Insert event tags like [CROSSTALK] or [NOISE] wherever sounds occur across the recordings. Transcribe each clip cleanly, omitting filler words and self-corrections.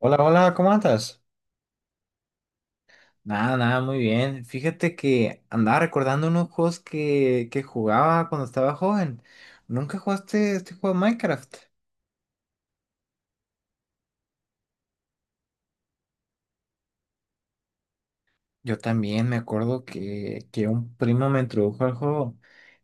Hola, hola, ¿cómo andas? Nada, muy bien. Fíjate que andaba recordando unos juegos que jugaba cuando estaba joven. ¿Nunca jugaste este juego de Minecraft? Yo también me acuerdo que un primo me introdujo al juego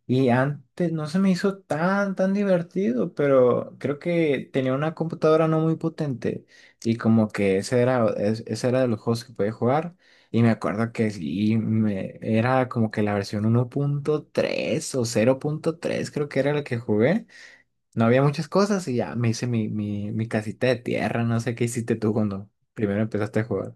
y antes no se me hizo tan divertido, pero creo que tenía una computadora no muy potente y como que ese era de los juegos que podía jugar y me acuerdo que sí, era como que la versión uno punto tres o cero punto tres creo que era la que jugué. No había muchas cosas y ya me hice mi casita de tierra, no sé qué hiciste tú cuando primero empezaste a jugar.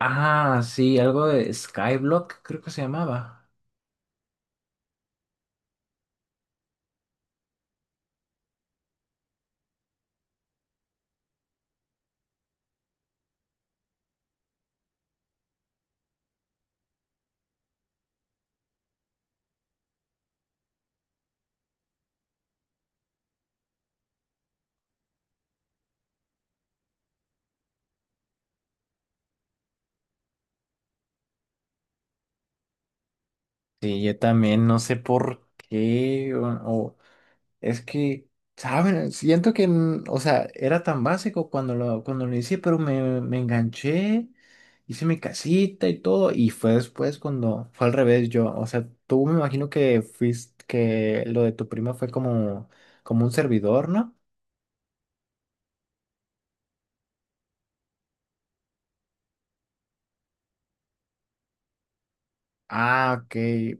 Ah, sí, algo de Skyblock, creo que se llamaba. Sí, yo también no sé por qué, es que, ¿saben? Siento que, o sea, era tan básico cuando cuando lo hice, pero me enganché, hice mi casita y todo, y fue después cuando fue al revés yo, o sea, tú me imagino que fuiste, que lo de tu prima fue como, como un servidor, ¿no? Ah, ok,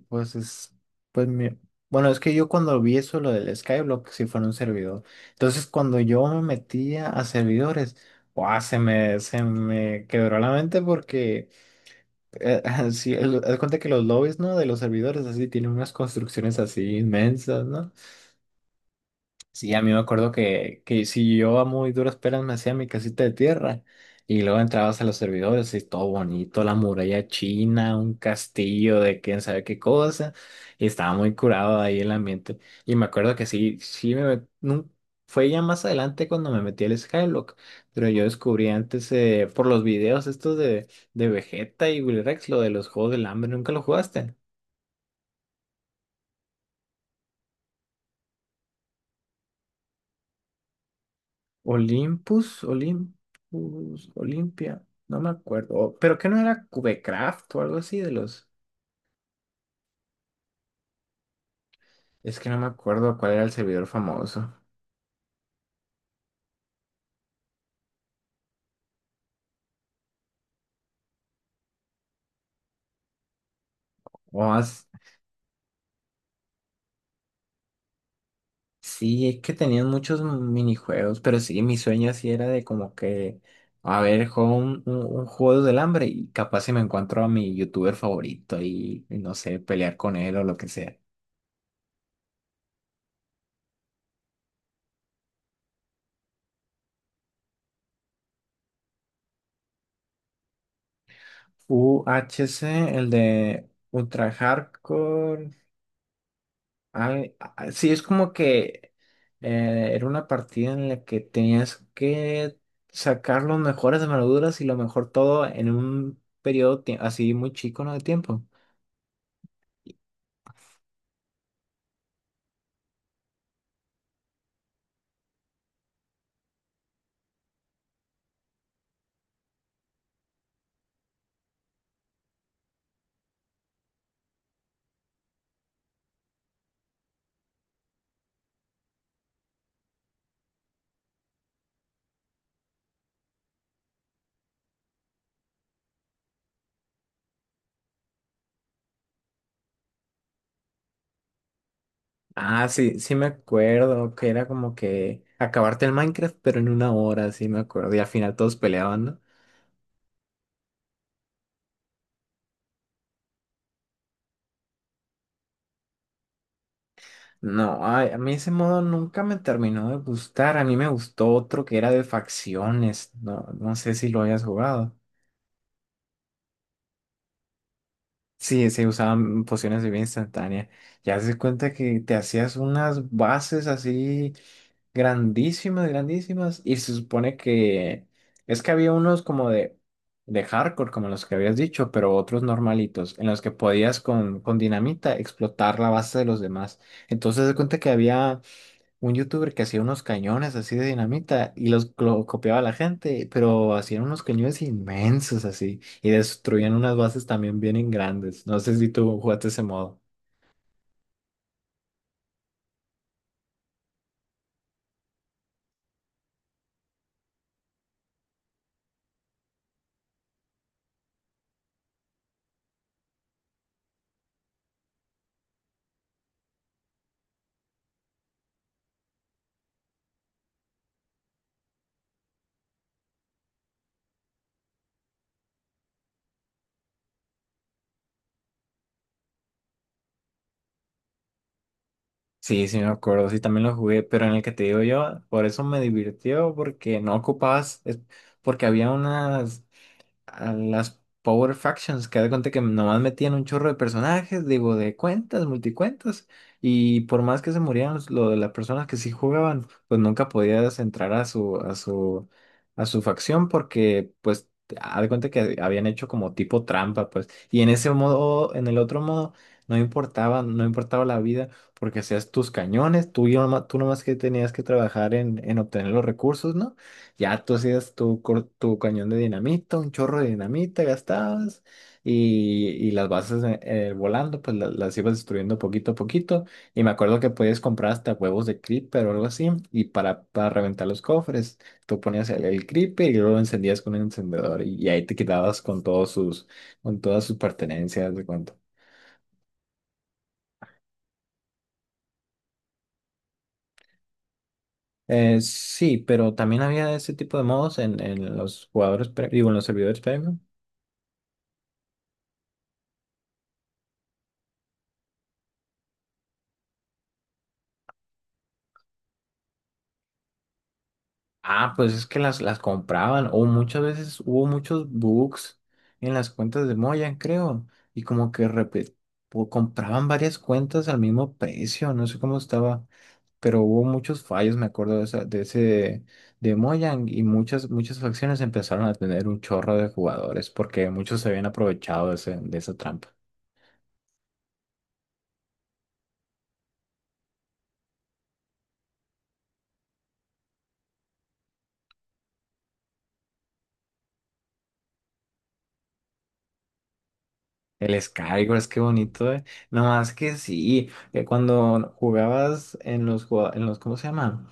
pues es, pues mi- bueno, es que yo cuando vi eso, lo del Skyblock, sí fue en un servidor. Entonces, cuando yo me metía a servidores, ¡guau! Se me quebró la mente porque, eh, [LAUGHS] sí, haz cuenta que los lobbies, ¿no? De los servidores así tienen unas construcciones así inmensas, ¿no? Sí, a mí me acuerdo que si yo a muy duras penas me hacía mi casita de tierra y luego entrabas a los servidores y todo bonito, la muralla china, un castillo de quién sabe qué cosa, y estaba muy curado ahí el ambiente. Y me acuerdo que sí, fue ya más adelante cuando me metí al Skylock, pero yo descubrí antes por los videos de Vegeta y Willy Rex, lo de los Juegos del Hambre, ¿nunca lo jugaste? Olympus, Olympus, Olimpia, no me acuerdo. Pero que no era Cubecraft o algo así de los. Es que no me acuerdo cuál era el servidor famoso. O as- Sí, es que tenían muchos minijuegos, pero sí, mi sueño así era de como que, a ver, juego un juego del hambre y capaz si me encuentro a mi youtuber favorito y no sé, pelear con él o lo que sea. UHC el de Ultra Hardcore. Sí, es como que era una partida en la que tenías que sacar los mejores armaduras y lo mejor todo en un periodo así muy chico, ¿no? De tiempo. Ah, sí, sí me acuerdo que era como que acabarte el Minecraft, pero en una hora, sí me acuerdo. Y al final todos peleaban, ¿no? No, ay, a mí ese modo nunca me terminó de gustar. A mí me gustó otro que era de facciones. No, no sé si lo hayas jugado. Sí, se usaban pociones de vida instantánea. Ya se cuenta que te hacías unas bases así grandísimas, grandísimas. Y se supone que es que había unos como de hardcore, como los que habías dicho, pero otros normalitos, en los que podías con dinamita explotar la base de los demás. Entonces se cuenta que había un youtuber que hacía unos cañones así de dinamita y los lo copiaba a la gente, pero hacían unos cañones inmensos así y destruían unas bases también bien grandes. No sé si tú jugaste ese modo. Sí, sí me acuerdo, sí también lo jugué, pero en el que te digo yo, por eso me divirtió, porque no ocupabas, porque había unas a las Power Factions, que haz de cuenta que nomás metían un chorro de personajes, digo, de cuentas, multicuentas, y por más que se murieran lo de las personas que sí jugaban, pues nunca podías entrar a a su facción porque, pues, haz de cuenta que habían hecho como tipo trampa, pues, y en ese modo, en el otro modo, no importaba la vida, porque hacías tus cañones, tú, y tú nomás que tenías que trabajar en obtener los recursos, ¿no? Ya tú hacías tu cañón de dinamita, un chorro de dinamita gastabas y las bases volando, las, ibas destruyendo poquito a poquito. Y me acuerdo que podías comprar hasta huevos de creeper o algo así y para reventar los cofres, tú ponías el creeper y luego lo encendías con un encendedor y ahí te quedabas con con todas sus pertenencias de cuento. Sí, pero también había ese tipo de modos en los jugadores, digo, en los servidores premium. Ah, pues es que las compraban o muchas veces hubo muchos bugs en las cuentas de Moyan, creo, y como que o compraban varias cuentas al mismo precio, no sé cómo estaba, pero hubo muchos fallos, me acuerdo de ese de Mojang y muchas facciones empezaron a tener un chorro de jugadores porque muchos se habían aprovechado de esa trampa. El Skywars, qué bonito, eh. No más que sí, que cuando jugabas en en los ¿cómo se llama?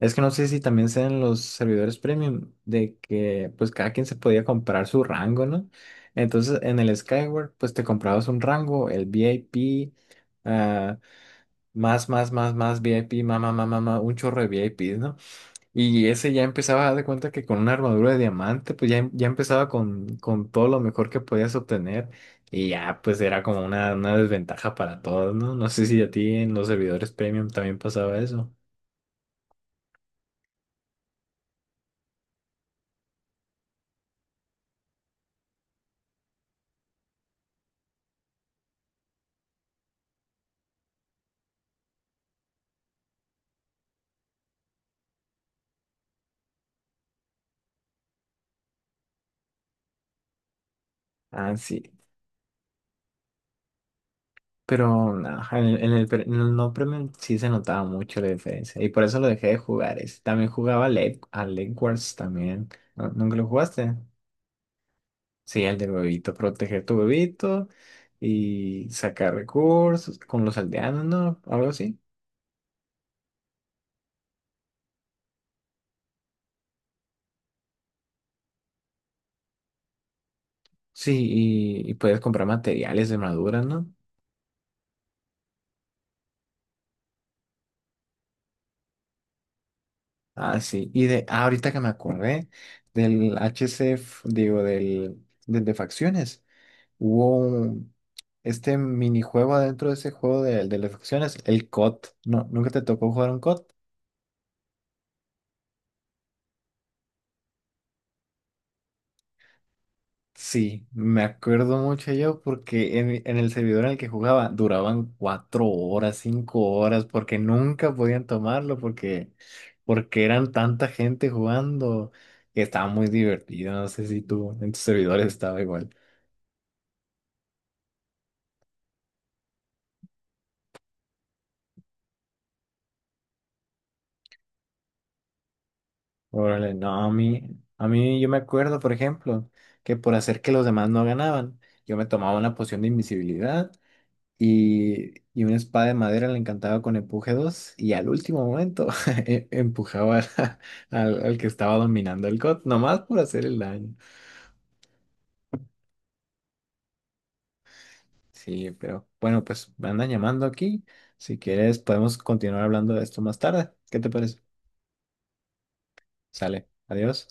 Es que no sé si también sean los servidores premium, de que pues cada quien se podía comprar su rango, ¿no? Entonces en el Skyward pues te comprabas un rango, el VIP, ah, más VIP, más, un chorro de VIPs, ¿no? Y ese ya empezaba a dar de cuenta que con una armadura de diamante pues ya, ya empezaba con todo lo mejor que podías obtener y ya pues era como una desventaja para todos, ¿no? No sé si a ti en los servidores premium también pasaba eso. Ah, sí. Pero no, en el en el no premium sí se notaba mucho la diferencia. Y por eso lo dejé de jugar ese. También jugaba a Leg Wars también. ¿Nunca lo jugaste? Sí, el del huevito. Proteger tu huevito y sacar recursos con los aldeanos, ¿no? Algo así. Sí, y puedes comprar materiales de madura, ¿no? Ah, sí. Y ahorita que me acordé del HCF, digo, del de facciones. Hubo un- este minijuego adentro de ese juego de las acciones, el COD. No, ¿nunca te tocó jugar un COD? Sí, me acuerdo mucho yo porque en el servidor en el que jugaba duraban 4 horas, 5 horas, porque nunca podían tomarlo, porque eran tanta gente jugando que estaba muy divertido. No sé si tú en tus servidores estaba igual. Órale, no, a mí yo me acuerdo, por ejemplo, que por hacer que los demás no ganaban, yo me tomaba una poción de invisibilidad y una espada de madera la encantaba con empuje 2 y al último momento [LAUGHS] e- empujaba a- al que estaba dominando el COD, nomás por hacer el daño. Sí, pero bueno, pues me andan llamando aquí. Si quieres, podemos continuar hablando de esto más tarde. ¿Qué te parece? Sale, adiós.